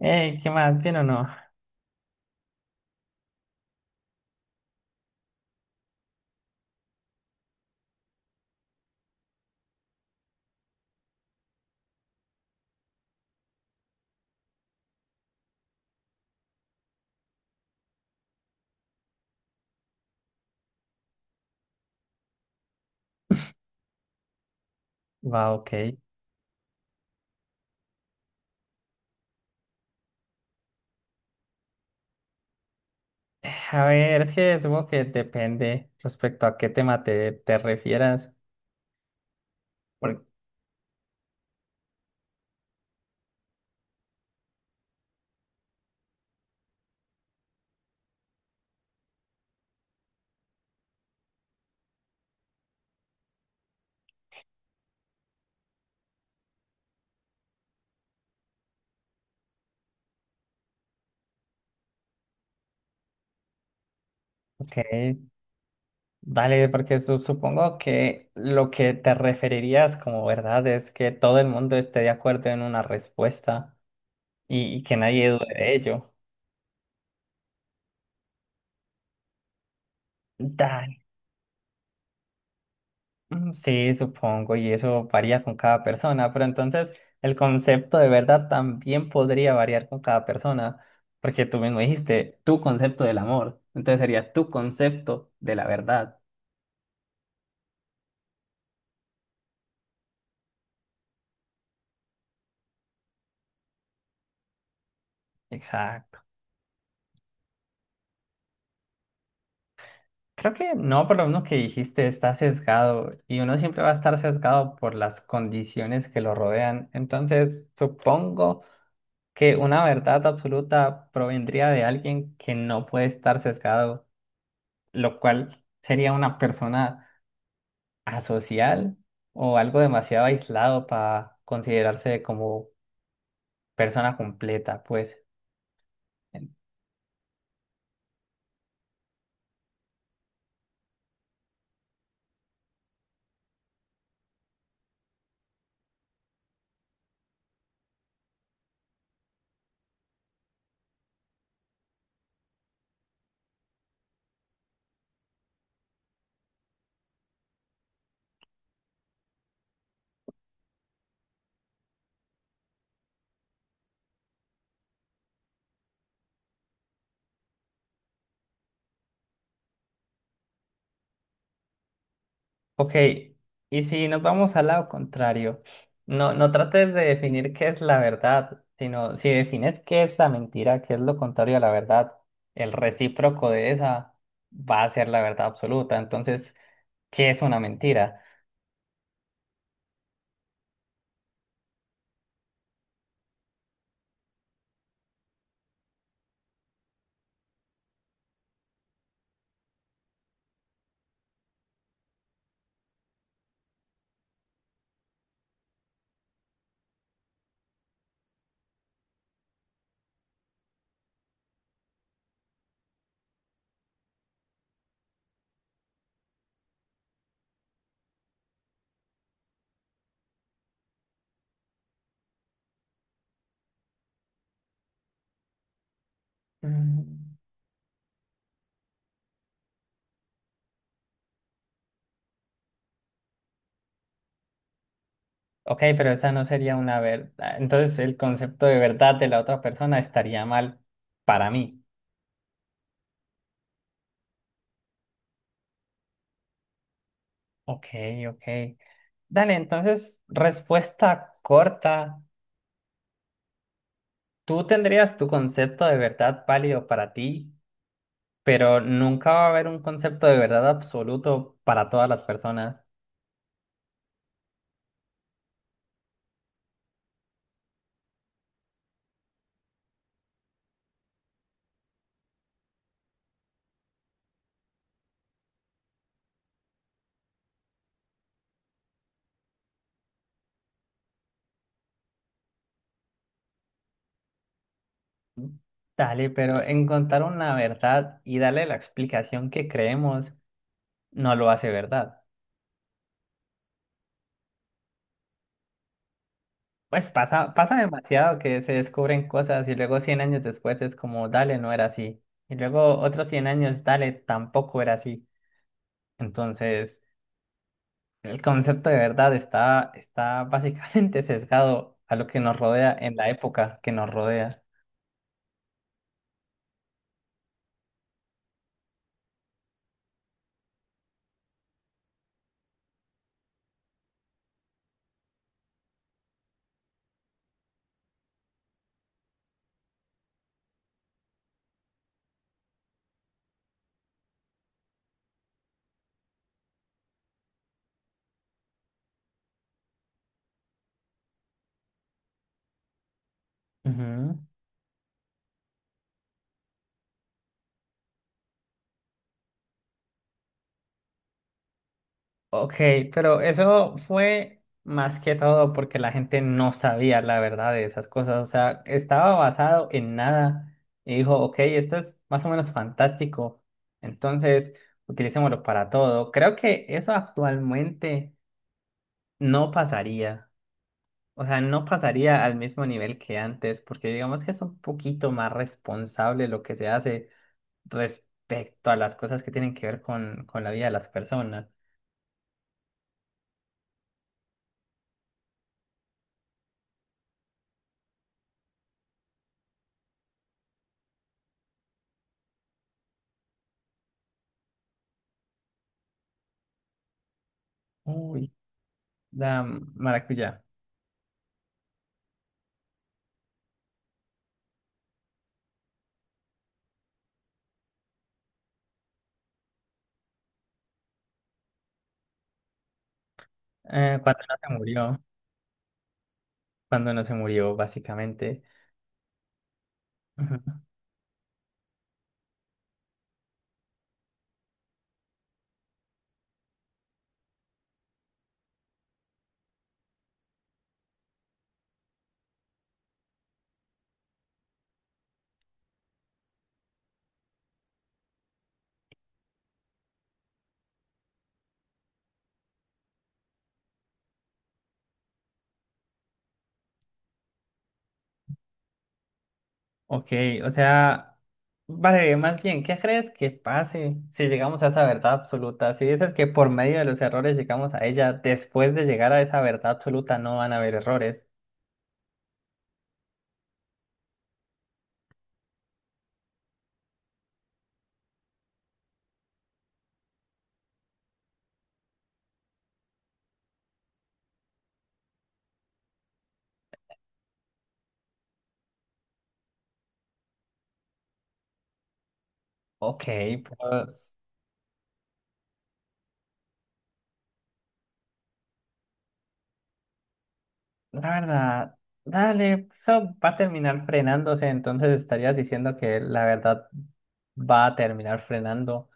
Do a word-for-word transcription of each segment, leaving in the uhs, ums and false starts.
Ey, ¿qué más? ¿Bien o no? Va, ok. A ver, es que supongo que depende respecto a qué tema te, te refieras. Por- Ok, dale, porque su- supongo que lo que te referirías como verdad es que todo el mundo esté de acuerdo en una respuesta y, y que nadie dude de ello. Dale. Mm, Sí, supongo, y eso varía con cada persona, pero entonces el concepto de verdad también podría variar con cada persona, porque tú mismo dijiste tu concepto del amor, entonces sería tu concepto de la verdad. Exacto. Creo que no, por lo menos que dijiste, está sesgado y uno siempre va a estar sesgado por las condiciones que lo rodean, entonces supongo que una verdad absoluta provendría de alguien que no puede estar sesgado, lo cual sería una persona asocial o algo demasiado aislado para considerarse como persona completa, pues. En- Ok, y si nos vamos al lado contrario, no, no trates de definir qué es la verdad, sino si defines qué es la mentira, qué es lo contrario a la verdad, el recíproco de esa va a ser la verdad absoluta. Entonces, ¿qué es una mentira? Mm. Ok, pero esa no sería una verdad. Entonces, el concepto de verdad de la otra persona estaría mal para mí. Ok, ok. Dale, entonces, respuesta corta. Tú tendrías tu concepto de verdad válido para ti, pero nunca va a haber un concepto de verdad absoluto para todas las personas. Dale, pero encontrar una verdad y darle la explicación que creemos no lo hace verdad. Pues pasa, pasa demasiado que se descubren cosas y luego cien años después es como, dale, no era así. Y luego otros cien años, dale, tampoco era así. Entonces, el concepto de verdad está, está básicamente sesgado a lo que nos rodea en la época que nos rodea. Ujú. Ok, pero eso fue más que todo porque la gente no sabía la verdad de esas cosas. O sea, estaba basado en nada y dijo, ok, esto es más o menos fantástico. Entonces, utilicémoslo para todo. Creo que eso actualmente no pasaría. O sea, no pasaría al mismo nivel que antes, porque digamos que es un poquito más responsable lo que se hace respecto a las cosas que tienen que ver con, con la vida de las personas. Uy, la maracuyá. Eh, cuando no se murió, cuando no se murió, básicamente. Ujú. Ok, o sea, vale, más bien, ¿qué crees que pase si llegamos a esa verdad absoluta? Si dices que por medio de los errores llegamos a ella, después de llegar a esa verdad absoluta no van a haber errores. Ok, pues. La verdad, dale, eso va a terminar frenándose, entonces estarías diciendo que la verdad va a terminar frenando.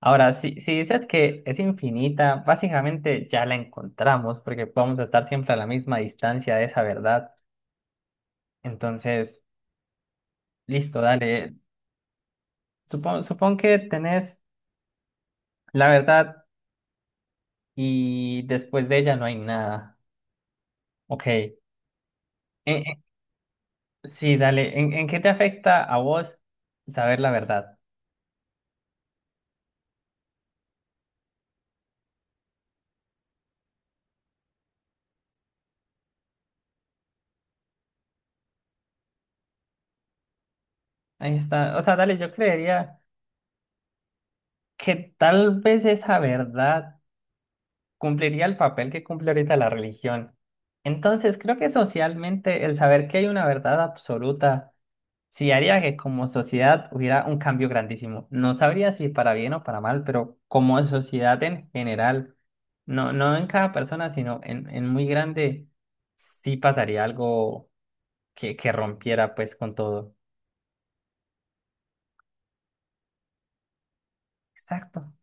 Ahora, si, si dices que es infinita, básicamente ya la encontramos porque vamos a estar siempre a la misma distancia de esa verdad. Entonces, listo, dale. Supon, supón que tenés la verdad y después de ella no hay nada. Ok. En- en- sí, dale. ¿En, en qué te afecta a vos saber la verdad? Ahí está. O sea, dale, yo creería que tal vez esa verdad cumpliría el papel que cumple ahorita la religión. Entonces, creo que socialmente el saber que hay una verdad absoluta sí haría que como sociedad hubiera un cambio grandísimo. No sabría si para bien o para mal, pero como sociedad en general, no, no en cada persona, sino en, en muy grande, sí pasaría algo que, que rompiera pues con todo. Exacto.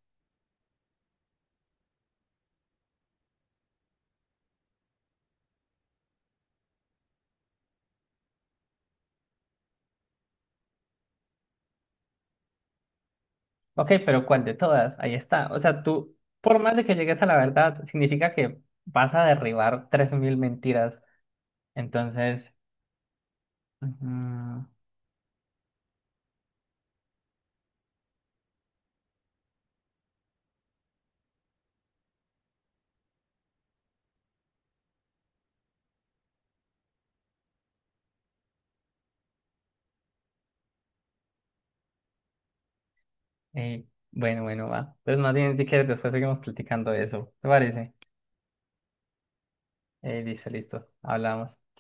Ok, pero ¿cuál de todas? Ahí está. O sea, tú, por más de que llegues a la verdad, significa que vas a derribar tres mil mentiras. Entonces, ujú, eh, bueno, bueno, va. Entonces, más bien, si quieres, después seguimos platicando de eso. ¿Te parece? Eh, listo, listo. Hablamos.